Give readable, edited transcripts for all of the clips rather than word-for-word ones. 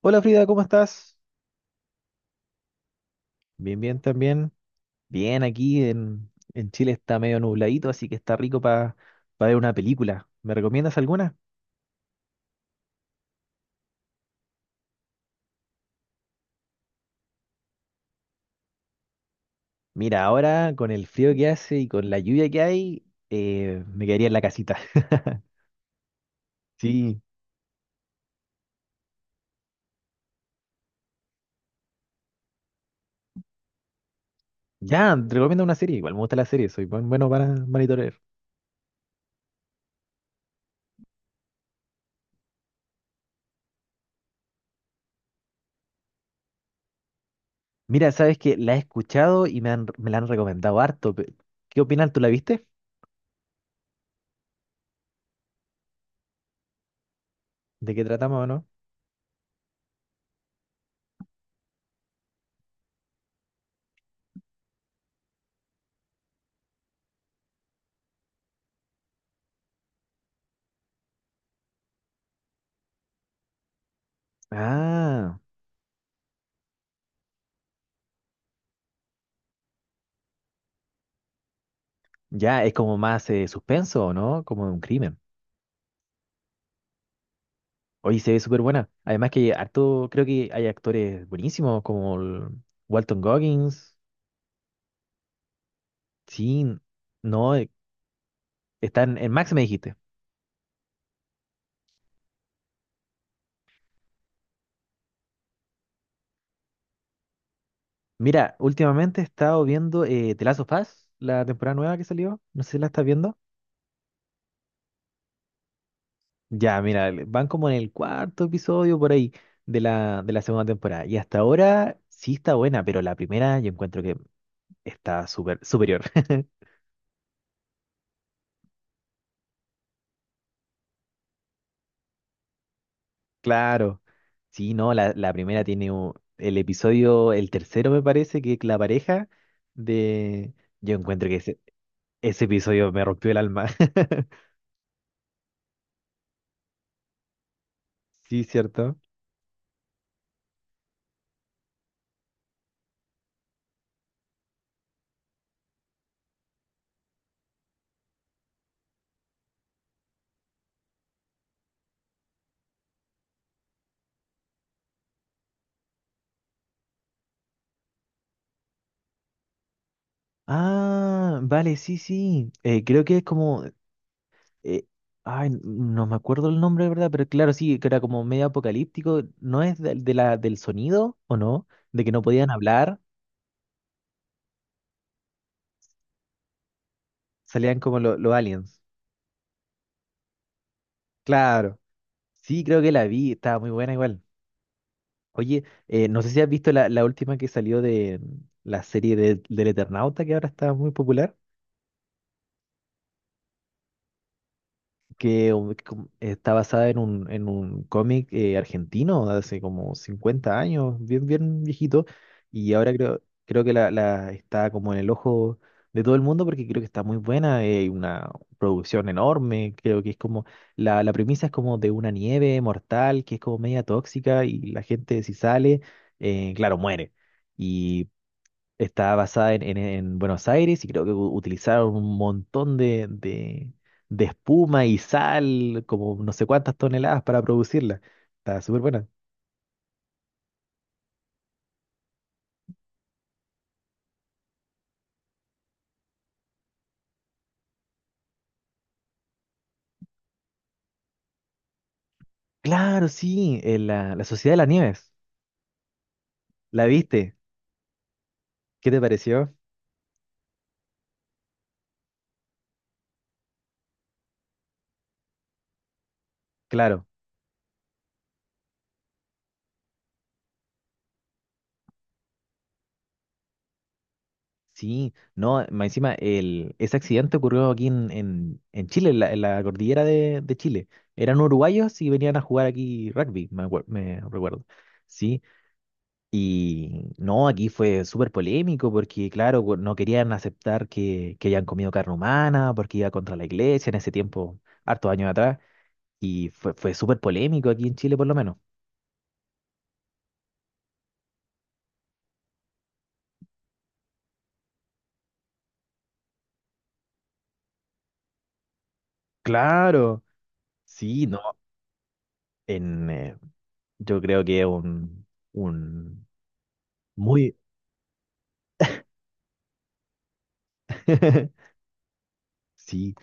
Hola Frida, ¿cómo estás? Bien, bien también. Bien, aquí en Chile está medio nubladito, así que está rico para ver una película. ¿Me recomiendas alguna? Mira, ahora con el frío que hace y con la lluvia que hay, me quedaría en la casita. Sí, ya, te recomiendo una serie. Igual me gusta la serie, soy bueno para monitorear. Mira, sabes que la he escuchado y me la han recomendado harto. ¿Qué opinas? ¿Tú la viste? ¿De qué tratamos o no? Ah, ya, es como más suspenso, ¿no? Como de un crimen. Oye, se ve súper buena. Además que harto, creo que hay actores buenísimos como el Walton Goggins. Sí, no, está en Max me dijiste. Mira, últimamente he estado viendo The Last of Us, la temporada nueva que salió. No sé si la estás viendo. Ya, mira, van como en el cuarto episodio por ahí de de la segunda temporada. Y hasta ahora sí está buena, pero la primera yo encuentro que está super, superior. Claro. Sí, no, la primera tiene el episodio, el tercero me parece, que es la pareja de... Yo encuentro que ese episodio me rompió el alma. Sí, cierto. Ah, vale, sí, sí. Creo que es como... eh, ay, no me acuerdo el nombre, ¿verdad? Pero claro, sí, que era como medio apocalíptico. ¿No es de, del sonido o no? De que no podían hablar, salían como los aliens. Claro. Sí, creo que la vi, estaba muy buena igual. Oye, no sé si has visto la última que salió de la serie del Eternauta, que ahora está muy popular, que está basada en un cómic argentino de hace como 50 años, bien, bien viejito, y ahora creo que la está como en el ojo de todo el mundo porque creo que está muy buena, una producción enorme, creo que es como, la premisa es como de una nieve mortal que es como media tóxica y la gente si sale, claro, muere. Y está basada en, en Buenos Aires y creo que utilizaron un montón de, de espuma y sal, como no sé cuántas toneladas para producirla. Está súper buena. Claro, sí, la, la Sociedad de las Nieves. ¿La viste? ¿Qué te pareció? Claro, sí. No, más encima, el, ese accidente ocurrió aquí en, en Chile, en la cordillera de Chile. Eran uruguayos y venían a jugar aquí rugby, me, me recuerdo. Sí, y no, aquí fue súper polémico porque, claro, no querían aceptar que hayan comido carne humana porque iba contra la iglesia en ese tiempo, hartos años atrás. Y fue súper polémico aquí en Chile, por lo menos. Claro, sí, no, en, yo creo que es un muy... Sí,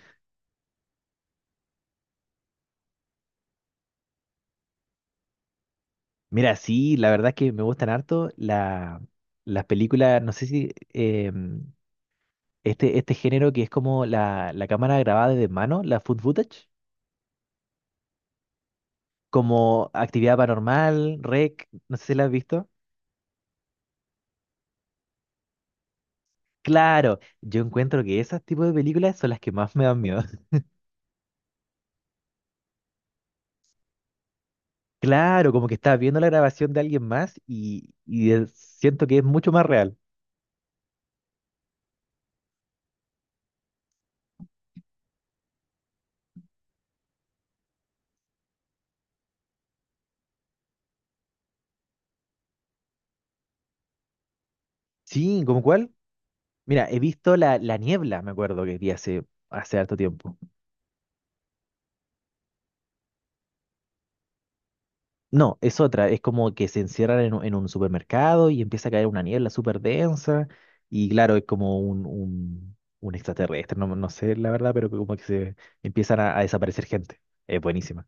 mira, sí, la verdad es que me gustan harto las películas, no sé si este género que es como la cámara grabada de mano, la food footage. Como Actividad Paranormal, REC, no sé si la has visto. Claro, yo encuentro que esos tipos de películas son las que más me dan miedo. Claro, como que estás viendo la grabación de alguien más y, siento que es mucho más real. Sí, ¿como cuál? Mira, he visto La, La Niebla, me acuerdo que vi hace, hace harto tiempo. No, es otra, es como que se encierran en un supermercado y empieza a caer una niebla súper densa y claro, es como un extraterrestre, no, no sé la verdad, pero como que se empiezan a desaparecer gente. Es buenísima.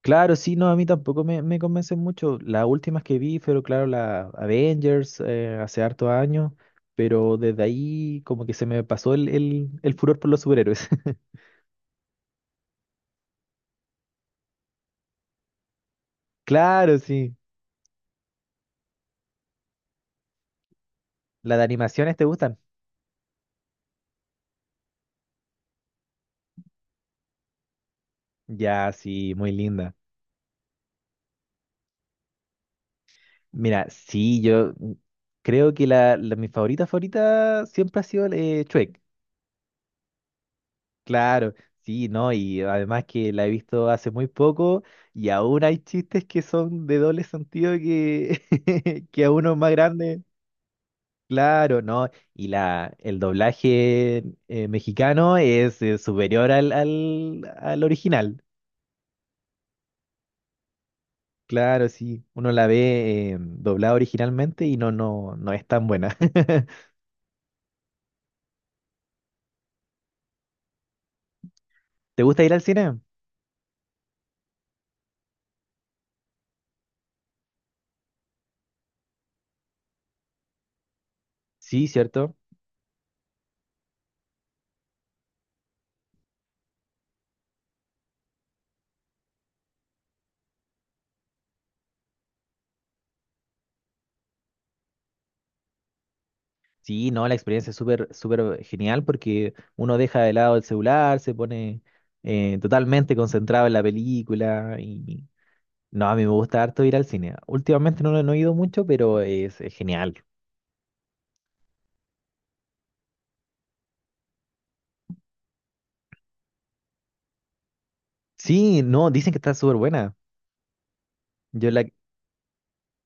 Claro, sí, no, a mí tampoco me, me convencen mucho. Las últimas que vi fueron, claro, la Avengers hace hartos años, pero desde ahí como que se me pasó el furor por los superhéroes. Claro, sí. ¿Las de animaciones te gustan? Ya, sí, muy linda. Mira, sí, yo creo que mi favorita favorita siempre ha sido Shrek. Claro, sí, ¿no? Y además que la he visto hace muy poco y aún hay chistes que son de doble sentido que, que a uno más grande. Claro, ¿no? Y la, el doblaje mexicano es superior al original. Claro, sí, uno la ve doblada originalmente y no, no, no es tan buena. ¿Te gusta ir al cine? Sí, cierto. Sí, no, la experiencia es súper, súper genial porque uno deja de lado el celular, se pone totalmente concentrado en la película y no, a mí me gusta harto ir al cine. Últimamente no, no he ido mucho, pero es genial. Sí, no, dicen que está súper buena. Yo la...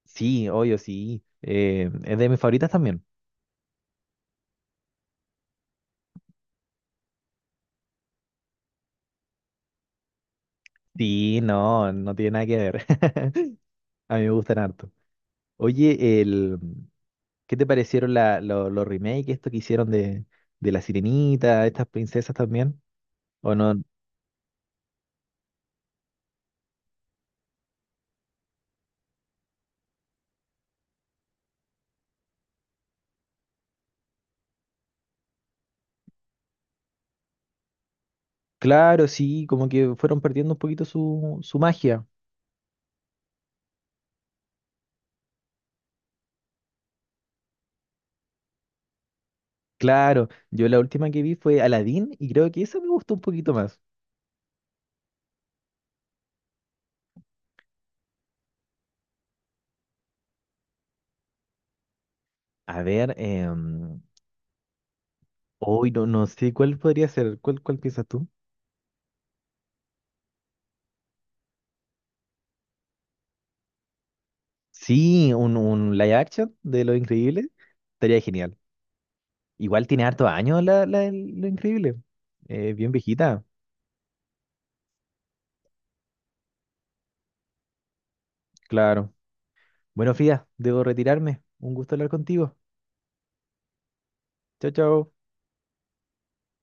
Sí, obvio, sí. Es de mis favoritas también. Sí, no, no tiene nada que ver. A mí me gustan harto. Oye, el... ¿qué te parecieron los remakes, esto que hicieron de La Sirenita, estas princesas también? O no, claro, sí, como que fueron perdiendo un poquito su, su magia. Claro, yo la última que vi fue Aladdin y creo que esa me gustó un poquito más. A ver, hoy no, no sé cuál podría ser, ¿cuál, cuál piensas tú? Sí, un live action de Lo Increíble estaría genial. Igual tiene hartos años del Lo Increíble. Bien viejita, claro. Bueno, Frida, debo retirarme. Un gusto hablar contigo. Chao, chao.